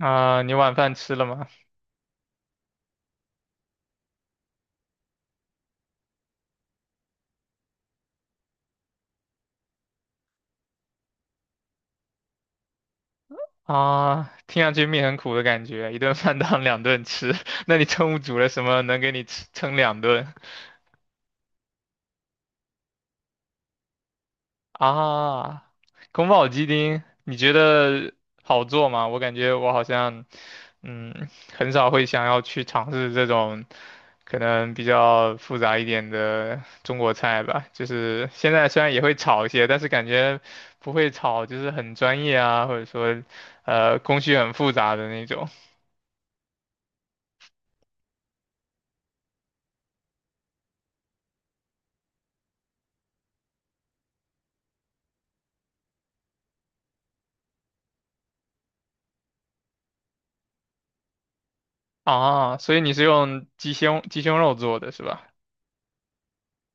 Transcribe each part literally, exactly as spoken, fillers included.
啊、你晚饭吃了吗？啊，听上去命很苦的感觉，一顿饭当两顿吃。那你中午煮了什么能给你吃撑两顿啊？宫保鸡丁，你觉得好做吗？我感觉我好像，嗯，很少会想要去尝试这种可能比较复杂一点的中国菜吧。就是现在虽然也会炒一些，但是感觉不会炒，就是很专业啊，或者说，呃，工序很复杂的那种。啊，所以你是用鸡胸鸡胸肉做的是吧？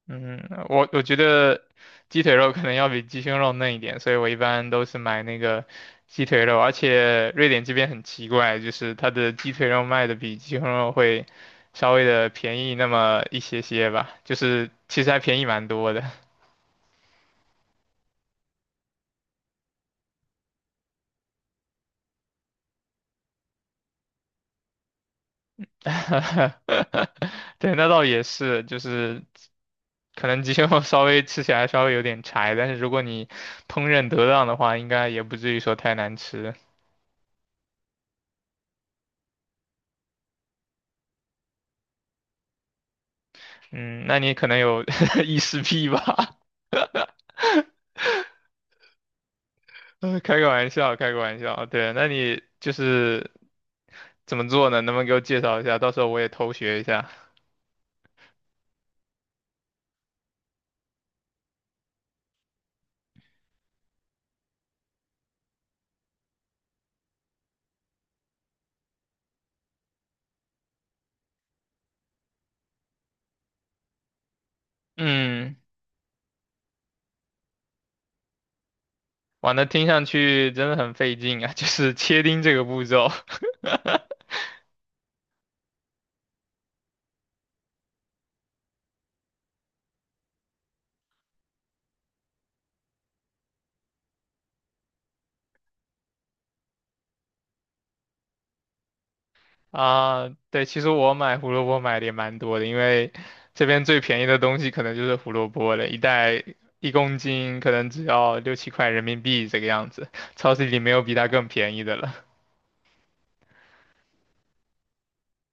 嗯，我我觉得鸡腿肉可能要比鸡胸肉嫩一点，所以我一般都是买那个鸡腿肉，而且瑞典这边很奇怪，就是它的鸡腿肉卖的比鸡胸肉会稍微的便宜那么一些些吧，就是其实还便宜蛮多的。对，那倒也是，就是可能鸡肉 稍微吃起来稍微有点柴，但是如果你烹饪得当的话，应该也不至于说太难吃。嗯，那你可能有 异食癖吧？呃开个玩笑，开个玩笑。对，那你就是怎么做呢？能不能给我介绍一下？到时候我也偷学一下。嗯，哇，那听上去真的很费劲啊，就是切丁这个步骤。啊，对，其实我买胡萝卜买的也蛮多的，因为这边最便宜的东西可能就是胡萝卜了，一袋一公斤可能只要六七块人民币这个样子，超市里没有比它更便宜的了。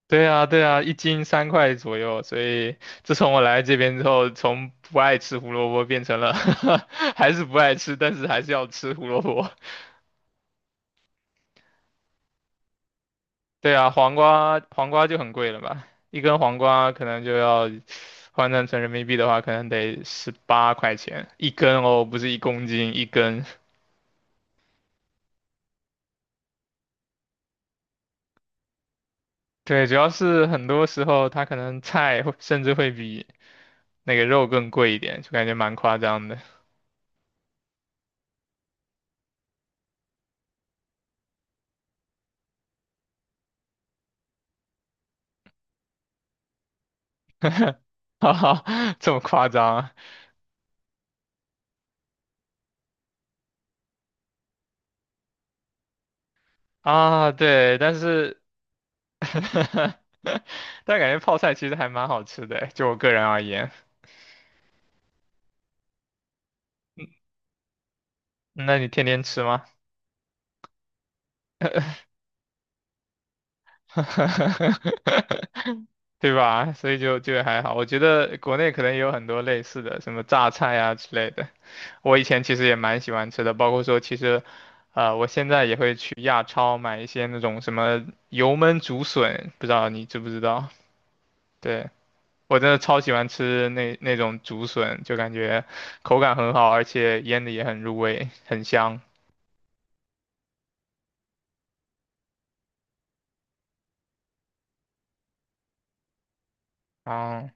对啊，对啊，一斤三块左右，所以自从我来这边之后，从不爱吃胡萝卜变成了 还是不爱吃，但是还是要吃胡萝卜。对啊，黄瓜黄瓜就很贵了吧？一根黄瓜可能就要换算成人民币的话，可能得十八块钱一根哦，不是一公斤一根。对，主要是很多时候它可能菜会甚至会比那个肉更贵一点，就感觉蛮夸张的。哈哈，这么夸张啊？啊，对，但是 但感觉泡菜其实还蛮好吃的，就我个人而言。那你天天吃吗？对吧？所以就就还好，我觉得国内可能也有很多类似的，什么榨菜啊之类的。我以前其实也蛮喜欢吃的，包括说其实，呃，我现在也会去亚超买一些那种什么油焖竹笋，不知道你知不知道？对，我真的超喜欢吃那那种竹笋，就感觉口感很好，而且腌的也很入味，很香。啊。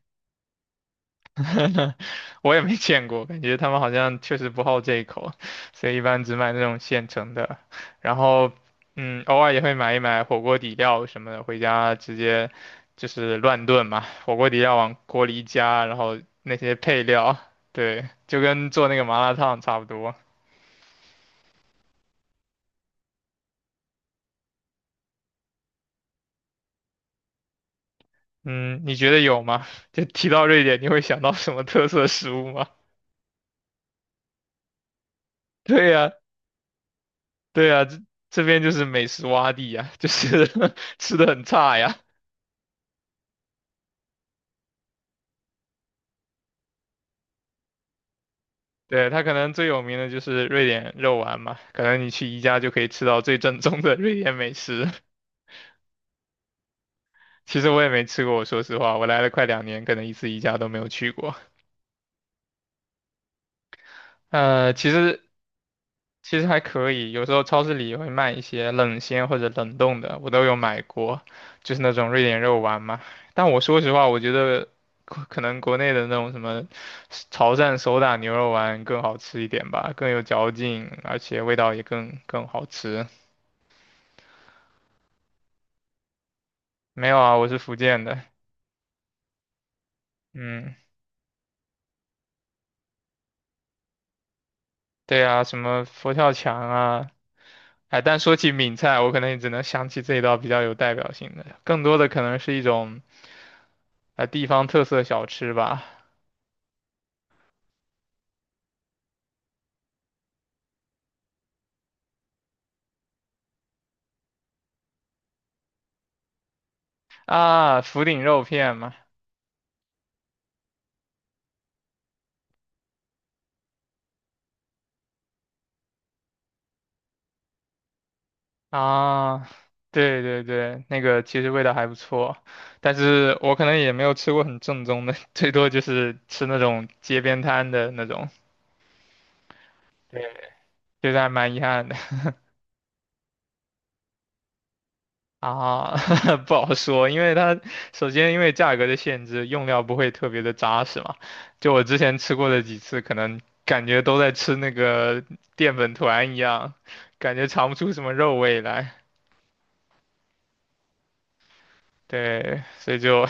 我也没见过，感觉他们好像确实不好这一口，所以一般只买那种现成的。然后，嗯，偶尔也会买一买火锅底料什么的，回家直接就是乱炖嘛，火锅底料往锅里一加，然后那些配料，对，就跟做那个麻辣烫差不多。嗯，你觉得有吗？就提到瑞典，你会想到什么特色食物吗？对呀，对呀，这这边就是美食洼地呀，就是 吃的很差呀。对，他可能最有名的就是瑞典肉丸嘛，可能你去宜家就可以吃到最正宗的瑞典美食。其实我也没吃过，我说实话，我来了快两年，可能一次宜家都没有去过。呃，其实其实还可以，有时候超市里也会卖一些冷鲜或者冷冻的，我都有买过，就是那种瑞典肉丸嘛。但我说实话，我觉得可可能国内的那种什么潮汕手打牛肉丸更好吃一点吧，更有嚼劲，而且味道也更更好吃。没有啊，我是福建的。嗯，对啊，什么佛跳墙啊，哎，但说起闽菜，我可能也只能想起这一道比较有代表性的，更多的可能是一种呃地方特色小吃吧。啊，福鼎肉片嘛。啊，对对对，那个其实味道还不错，但是我可能也没有吃过很正宗的，最多就是吃那种街边摊的那种，对，觉得还蛮遗憾的。啊，不好说，因为它首先因为价格的限制，用料不会特别的扎实嘛。就我之前吃过的几次，可能感觉都在吃那个淀粉团一样，感觉尝不出什么肉味来。对，所以就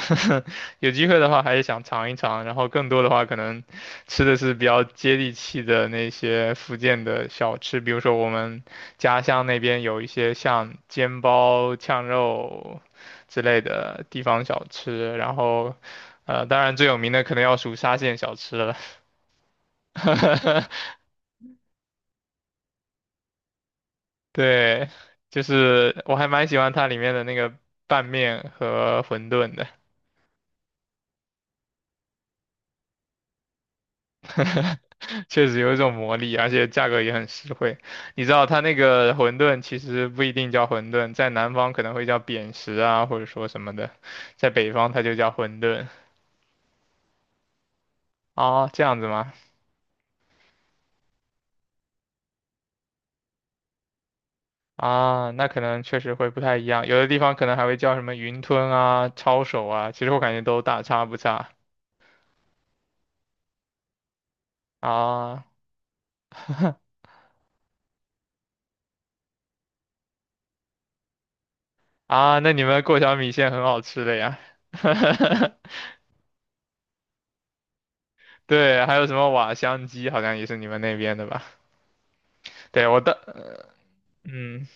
有机会的话还是想尝一尝，然后更多的话可能吃的是比较接地气的那些福建的小吃，比如说我们家乡那边有一些像煎包、呛肉之类的地方小吃，然后呃，当然最有名的可能要数沙县小吃了，对，就是我还蛮喜欢它里面的那个拌面和馄饨的。确实有一种魔力，而且价格也很实惠。你知道它那个馄饨其实不一定叫馄饨，在南方可能会叫扁食啊，或者说什么的，在北方它就叫馄饨。哦，这样子吗？啊，那可能确实会不太一样，有的地方可能还会叫什么云吞啊、抄手啊，其实我感觉都大差不差。啊啊，那你们过桥米线很好吃的呀。对，还有什么瓦香鸡，好像也是你们那边的吧？对，我的，嗯。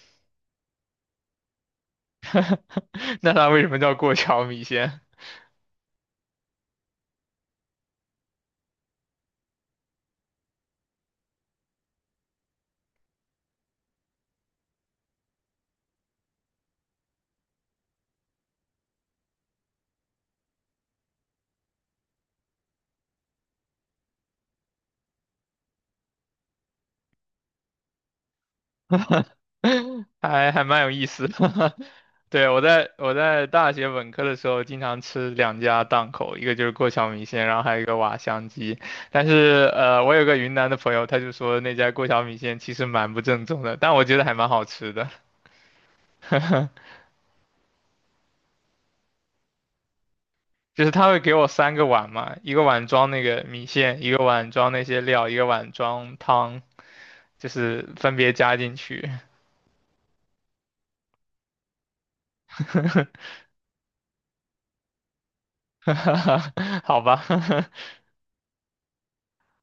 那它为什么叫过桥米线？还还蛮有意思的。对，我在我在大学本科的时候，经常吃两家档口，一个就是过桥米线，然后还有一个瓦香鸡。但是呃，我有个云南的朋友，他就说那家过桥米线其实蛮不正宗的，但我觉得还蛮好吃的。就是他会给我三个碗嘛，一个碗装那个米线，一个碗装那些料，一个碗装汤，就是分别加进去。好吧，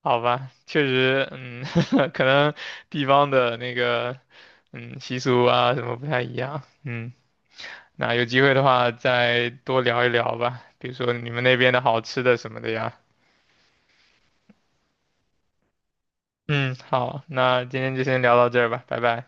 好吧，确实，嗯，可能地方的那个，嗯，习俗啊什么不太一样，嗯，那有机会的话再多聊一聊吧，比如说你们那边的好吃的什么的呀，嗯，好，那今天就先聊到这儿吧，拜拜。